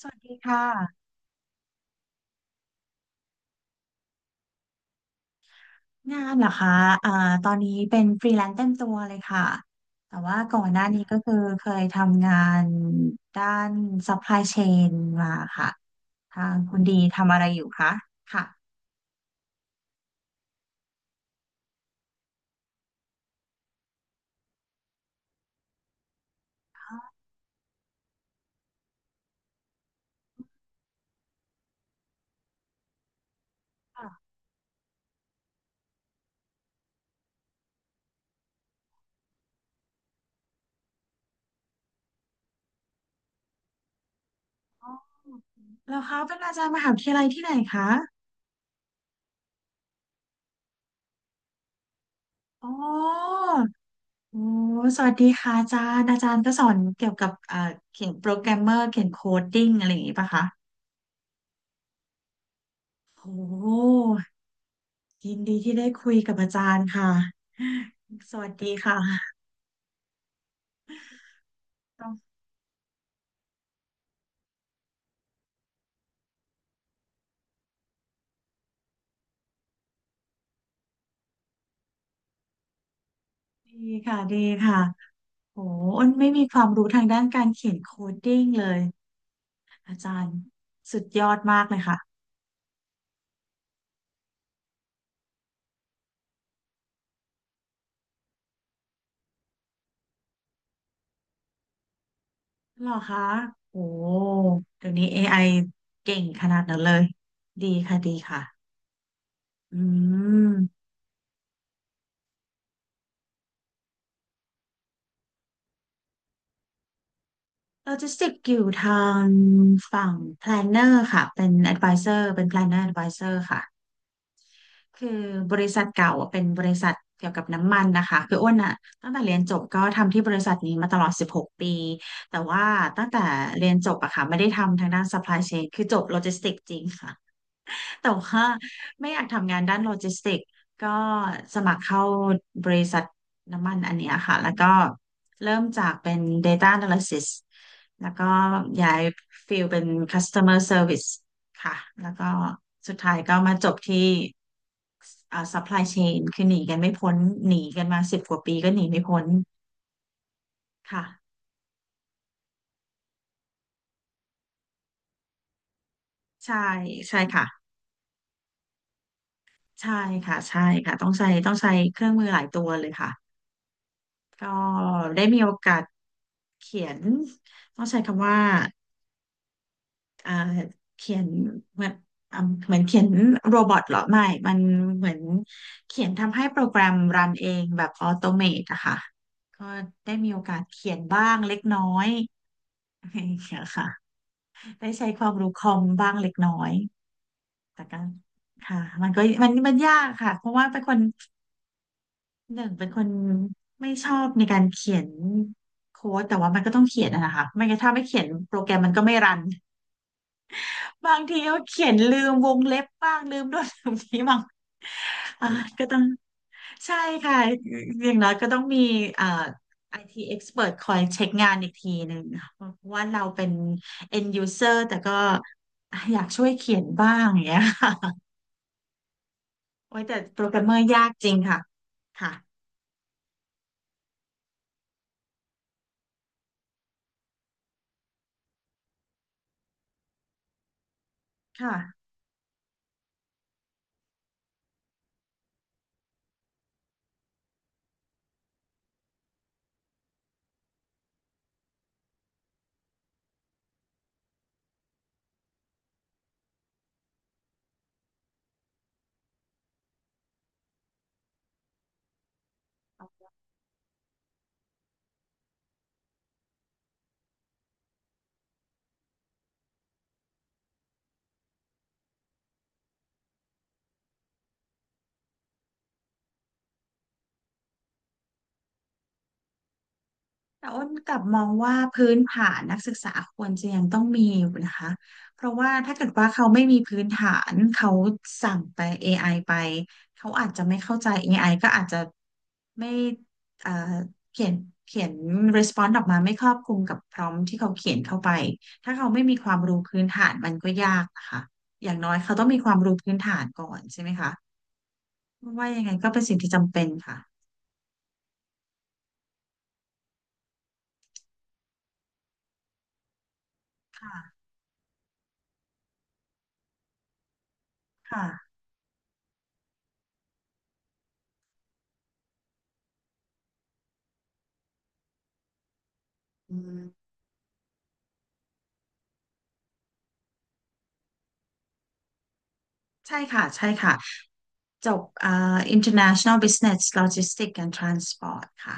สวัสดีค่ะงานเหรอคะอ่าตอนนี้เป็นฟรีแลนซ์เต็มตัวเลยค่ะ แต่ว่าก่อนหน้านี้ก็คือเคยทำงานด้าน supply chain มาค่ะ ทางคุณดีทำอะไรอยู่คะค่ะอ๋อแล้วเขาเป็นอาจารย์มหาวิทยาลัยที่ไหนคะอ๋อโอ้ สวัสดีค่ะอาจารย์อาจารย์ก็สอนเกี่ยวกับเขียนโปรแกรมเมอร์เขียนโคดดิ้งอะไรอย่างงี้ป่ะคะโอ้ ยินดีที่ได้คุยกับอาจารย์ค่ะสวัสดีค่ะดีค่ะดีค่ะโหอ้นไม่มีความรู้ทางด้านการเขียนโคดดิ้งเลยอาจารย์สุดยอดมากเลยค่ะหรอคะโหเดี๋ยวนี้ a อไอเก่งขนาดนั้นเลย ดีค่ะดีค่ะอืมโลจิสติกอยู่ทางฝั่ง planner ค่ะเป็น advisor เป็น planner advisor ค่ะ คือบริษัทเก่าอะเป็นบริษัทเกี่ยวกับน้ำมันนะคะคืออ้วนอะตั้งแต่เรียนจบก็ทำที่บริษัทนี้มาตลอด16ปีแต่ว่าตั้งแต่เรียนจบอะค่ะไม่ได้ทำทางด้าน supply chain คือจบโลจิสติกจริงค่ะ แต่ว่าไม่อยากทำงานด้านโลจิสติกก็สมัครเข้าบริษัทน้ำมันอันเนี้ยค่ะแล้วก็เริ่มจากเป็น Data Analysis แล้วก็ย้ายฟิลเป็น Customer Service ค่ะแล้วก็สุดท้ายก็มาจบที่Supply Chain คือหนีกันไม่พ้นหนีกันมาสิบกว่าปีก็หนีไม่พ้นค่ะใช่ใช่ค่ะใช่ค่ะใช่ค่ะต้องใช้ต้องใช้เครื่องมือหลายตัวเลยค่ะก็ได้มีโอกาส เขียนต้องใช้คำว่าเอ่อเขียนเหมือนอ่ะเหมือนเขียนโรบอทเหรอไม่มันเหมือนเขียนทำให้โปรแกรมรันเองแบบออโตเมตอะค่ะก็ได้มีโอกาสเขียนบ้างเล็กน้อย่เนียค่ะได้ใช้ความรู้คอมบ้างเล็กน้อยแต่ก็ค่ะมันก็มันมันยากค่ะเพราะว่าเป็นคนหนึ่งเป็นคนไม่ชอบในการเขียนโค้ดแต่ว่ามันก็ต้องเขียนอะนะคะไม่งั้นถ้าไม่เขียนโปรแกรมมันก็ไม่รัน บางทีเขาเขียนลืมวงเล็บบ้างลืมโน่นลืมนี้ บ้างอ่าก็ต้องใช่ค่ะอย่างน้อยก็ต้องมีอ่า IT expert คอยเช็คงานอีกทีหนึ่งเพราะว่าเราเป็น end user แต่ก็อยากช่วยเขียนบ้างอย่างเงี้ยค่ะ โอ้ยแต่โปรแกรมเมอร์ยากจริงค่ะค่ะค่ะ แต่อ้นกลับมองว่าพื้นฐานนักศึกษาควรจะยังต้องมีอยู่นะคะเพราะว่าถ้าเกิดว่าเขาไม่มีพื้นฐานเขาสั่งไป AI ไอไปเขาอาจจะไม่เข้าใจเอไอก็อาจจะไม่เอ่อเขียนเขียน response ออกมาไม่ครอบคลุมกับ prompt ที่เขาเขียนเข้าไปถ้าเขาไม่มีความรู้พื้นฐานมันก็ยากนะคะอย่างน้อยเขาต้องมีความรู้พื้นฐานก่อนใช่ไหมคะว่ายังไงก็เป็นสิ่งที่จำเป็นค่ะค่ะค่ะอืมใช่ค่ะใช่ค่ะ จบอ่า International Business Logistics and Transport ค่ะ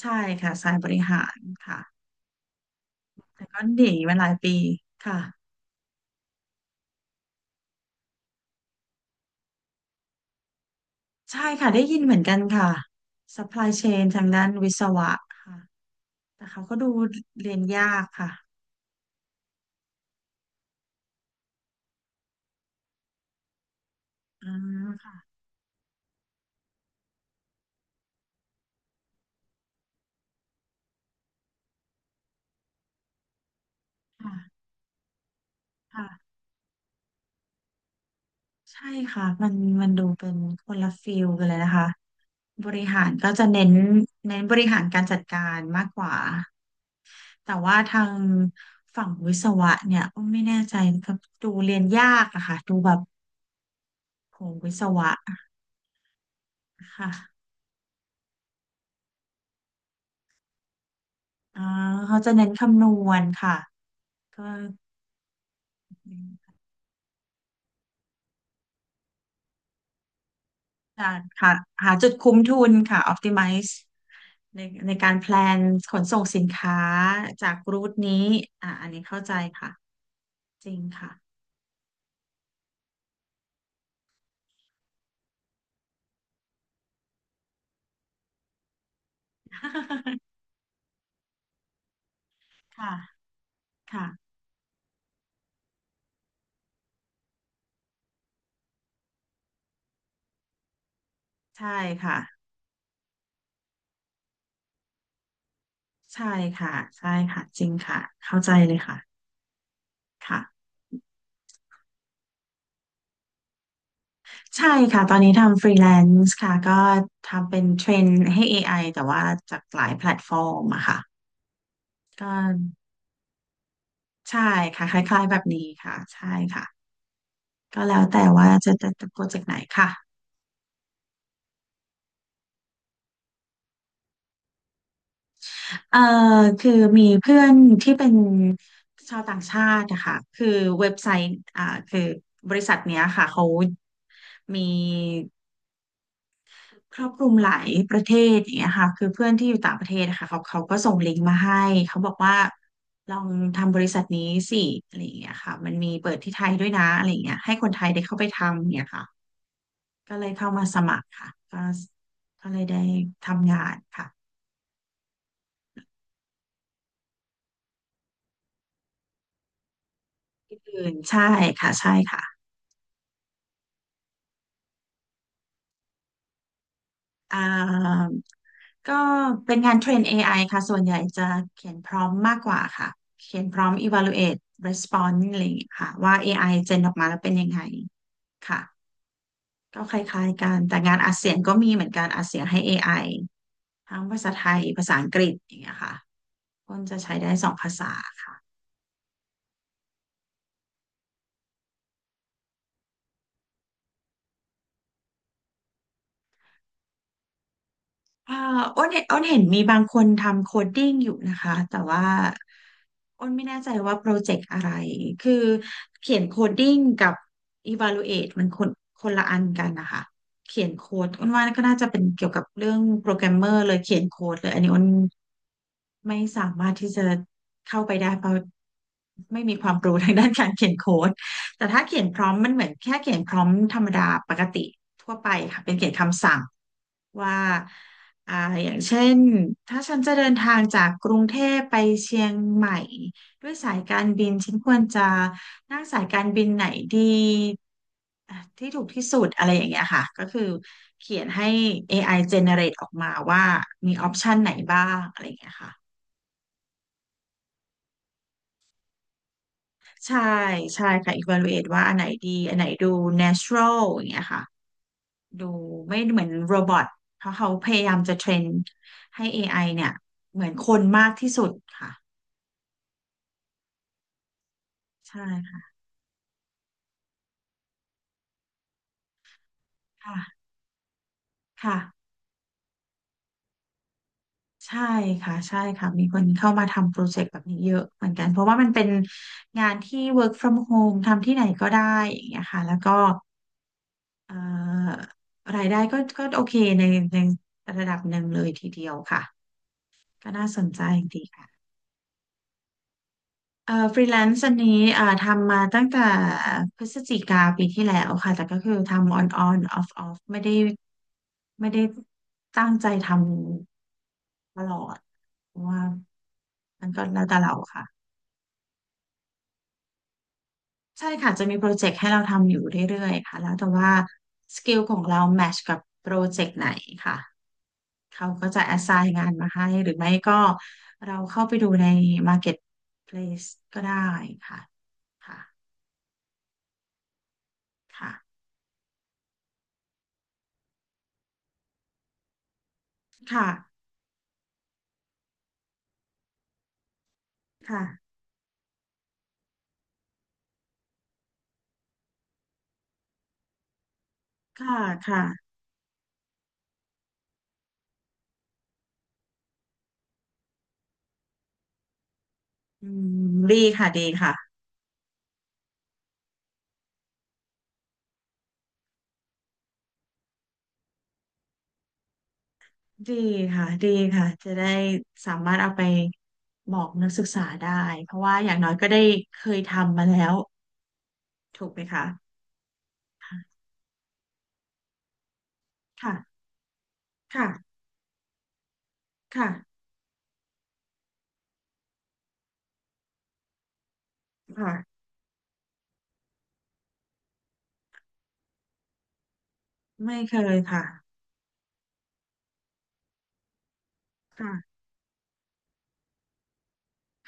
ใช่ค่ะสายบริหารค่ะแต่ก็หนีมาหลายปีค่ะใช่ค่ะได้ยินเหมือนกันค่ะ Supply Chain ทางด้านวิศวะค่ะแต่เขาก็ดูเรียนยากค่ะอ่าค่ะค่ะค่ะใช่ค่ะมันมันดูเป็นคนละฟิลกันเลยนะคะบริหารก็จะเน้นเน้นบริหารการจัดการมากกว่า แต่ว่าทางฝั่งวิศวะเนี่ยอ้อมไม่แน่ใจนะครับดูเรียนยากอะค่ะดูแบบโหวิศวะค่ะอ่าเขาจะเน้นคำนวณค่ะก็จะหาหาจุดคุ้มทุนค่ะ optimize ในในการแพลนขนส่งสินค้าจากรูทนี้อ่าอันนี้เข้าใจค่ะจริงค่ะ ค่ะค่ะใช่ค่ะใช่ค่ะใช่ค่ะจริงค่ะเข้าใจเลยค่ะค่ะ ใช่ค่ะตอนนี้ทำฟรีแลนซ์ค่ะก็ทำเป็นเทรนให้ AI แต่ว่าจากหลายแพลตฟอร์มอะค่ะก็ใช่ค่ะคล้ายๆแบบนี้ค่ะใช่ค่ะก็แล้วแต่ว่าจะโปรเจกต์ไหนค่ะเอ่อคือมีเพื่อนที่เป็นชาวต่างชาติอะค่ะคือเว็บไซต์อ่าคือบริษัทเนี้ยค่ะเขามี ครอบคลุมหลายประเทศอย่างเงี้ยค่ะคือเพื่อนที่อยู่ต่างประเทศนะคะเขาก็ส่งลิงก์มาให้เขาบอกว่าลองทำบริษัทนี้สิอะไรอย่างเงี้ยค่ะมันมีเปิดที่ไทยด้วยนะอะไรอย่างเงี้ยให้คนไทยได้เข้าไปทำเนี่ยค่ะก็เลยเข้ามาสมัครค่ะก็เลยได้ทำงานค่ะอื่นใช่ค่ะใช่ค่ะอ่าก็เป็นงานเทรน AI ค่ะส่วนใหญ่จะเขียนพร้อมมากกว่าค่ะเขียนพร้อม evaluate response อะไรอย่างเงี้ยค่ะว่า AI เจนออกมาแล้วเป็นยังไงค่ะ ก็คล้ายๆกัน แต่งานอัดเสียงก็มีเหมือนกันอัดเสียงให้ AI ทั้งภาษาไทย ภาษาอังกฤษอย่างเงี้ยค่ะอ้นจะใช้ได้สองภาษาค่ะอ้นเห็นมีบางคนทำโคดดิ้งอยู่นะคะ แต่ว่าอ้นไม่แน่ใจว่าโปรเจกต์อะไร คือเขียนโคดดิ้งกับ evaluate มันคนละอันกันนะคะ เขียนโค้ดอ้นว่าก็น่าจะเป็นเกี่ยวกับเรื่องโปรแกรมเมอร์เลยเขียนโค้ดเลยอันนี้อ้น ไม่สามารถที่จะเข้าไปได้เพราะไม่มีความรู้ทางด้านการเขียนโค้ดแต่ถ้าเขียนพร้อมมันเหมือนแค่เขียนพร้อมธรรมดาปกติทั่วไปค่ะเป็นเขียนคำสั่งว่าอ่าอย่างเช่นถ้าฉันจะเดินทางจากกรุงเทพไปเชียงใหม่ด้วยสายการบินฉันควรจะนั่งสายการบินไหนดีอ่ะที่ถูกที่สุดอะไรอย่างเงี้ยค่ะก็คือเขียนให้ AI generate ออกมาว่ามีออปชันไหนบ้างอะไรอย่างเงี้ยค่ะ ใช่ใช่ค่ะ evaluate ว่าอันไหนดีอันไหนดู natural อย่างเงี้ยค่ะดูไม่เหมือนโรบอทเพราะเขาพยายามจะเทรนให้ AI เนี่ยเหมือนคนมากที่สุดค่ะ ใช่ค่ะค่ะค่ะใช่ค่ะใช่ค่ะมีคนเข้ามาทำโปรเจกต์แบบนี้เยอะเหมือนกัน เพราะว่ามันเป็นงานที่ work from home ทำที่ไหนก็ได้อย่างเงี้ยค่ะแล้วก็เอ่อรายได้ก็โอเคในในระดับหนึ่งเลยทีเดียวค่ะ ก็น่าสนใจดีค่ะ ฟรีแลนซ์อันนี้ทำมาตั้งแต่พฤศจิกาปีที่แล้วค่ะแต่ก็คือทำออนออฟไม่ได้ตั้งใจทำตลอดเพราะว่ามันก็แล้วแต่เราค่ะใช่ค่ะจะมีโปรเจกต์ให้เราทำอยู่เรื่อยๆค่ะแล้วแต่ว่าสกิลของเราแมทชกับโปรเจกต์ไหนค่ะเขาก็จะ a อส i g n งานมาให้หรือไม่ก็เราเข้าไปดูใน Marketplace ก็ได้ค่ะค่ะค่ะค่ะ ค่ะค่ะค่ะอืมดีค่ะดีค่ะดีดีค่ะ จะได้สามารถเอาไปบอกนักศึกษาได้ เพราะว่าอย่างน้อยก็ได้เคยทำมาแล้วถูกไหมคะค่ะค่ะค่ะค่ะไม่เคยค่ะค่ะ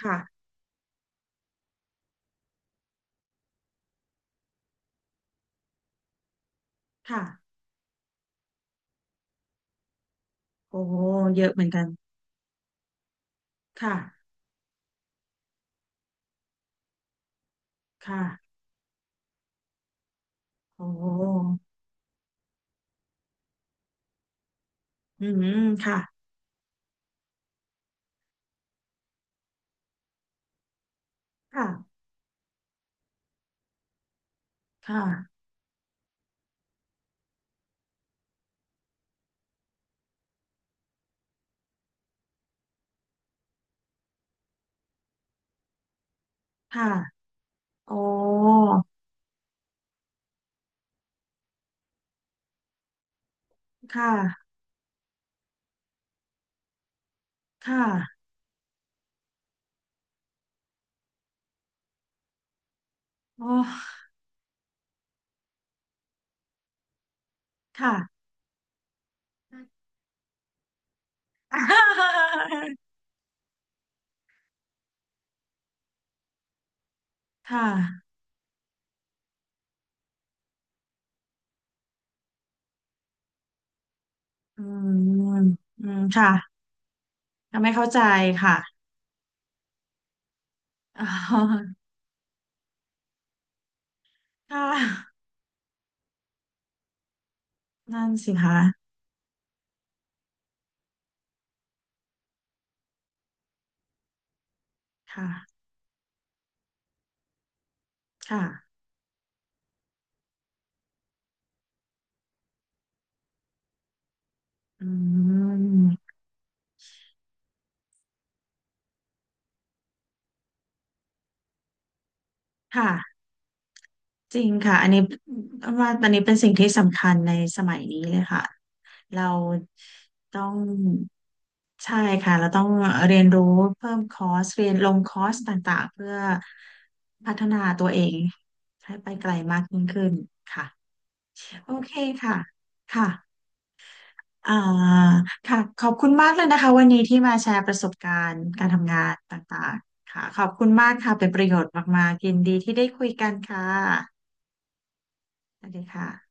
ค่ะค่ะโอ้เยอะเหมือนกันค่ะค่ะโอ้อืมค่ะค่ะค่ะค่ะโอ้ค่ะค่ะโอ้ค่ะ ค่ะอืมอืมค่ะก็ไม่เข้าใจค่ะ อ๋อค่ะ นั่นสิคะ ค่ะค่ะอืมค่ะจริงค่ะอันนี้ว่าอันนี้เป็นสิ่งที่สำคัญในสมัยนี้เลยค่ะ เราต้องใช่ค่ะ เราต้องเรียนรู้เพิ่มคอร์ส เรียนลงคอร์สต่างๆ เพื่อพัฒนาตัวเองให้ไปไกลมากยิ่งขึ้นค่ะ โอเคค่ะค่ะอ่าค่ะ ขอบคุณมากเลยนะคะวันนี้ที่มาแชร์ประสบการณ์การทำงานต่างๆค่ะขอบคุณมากค่ะ เป็นประโยชน์มากๆยินดีที่ได้คุยกันค่ะสวัสดีค่ะ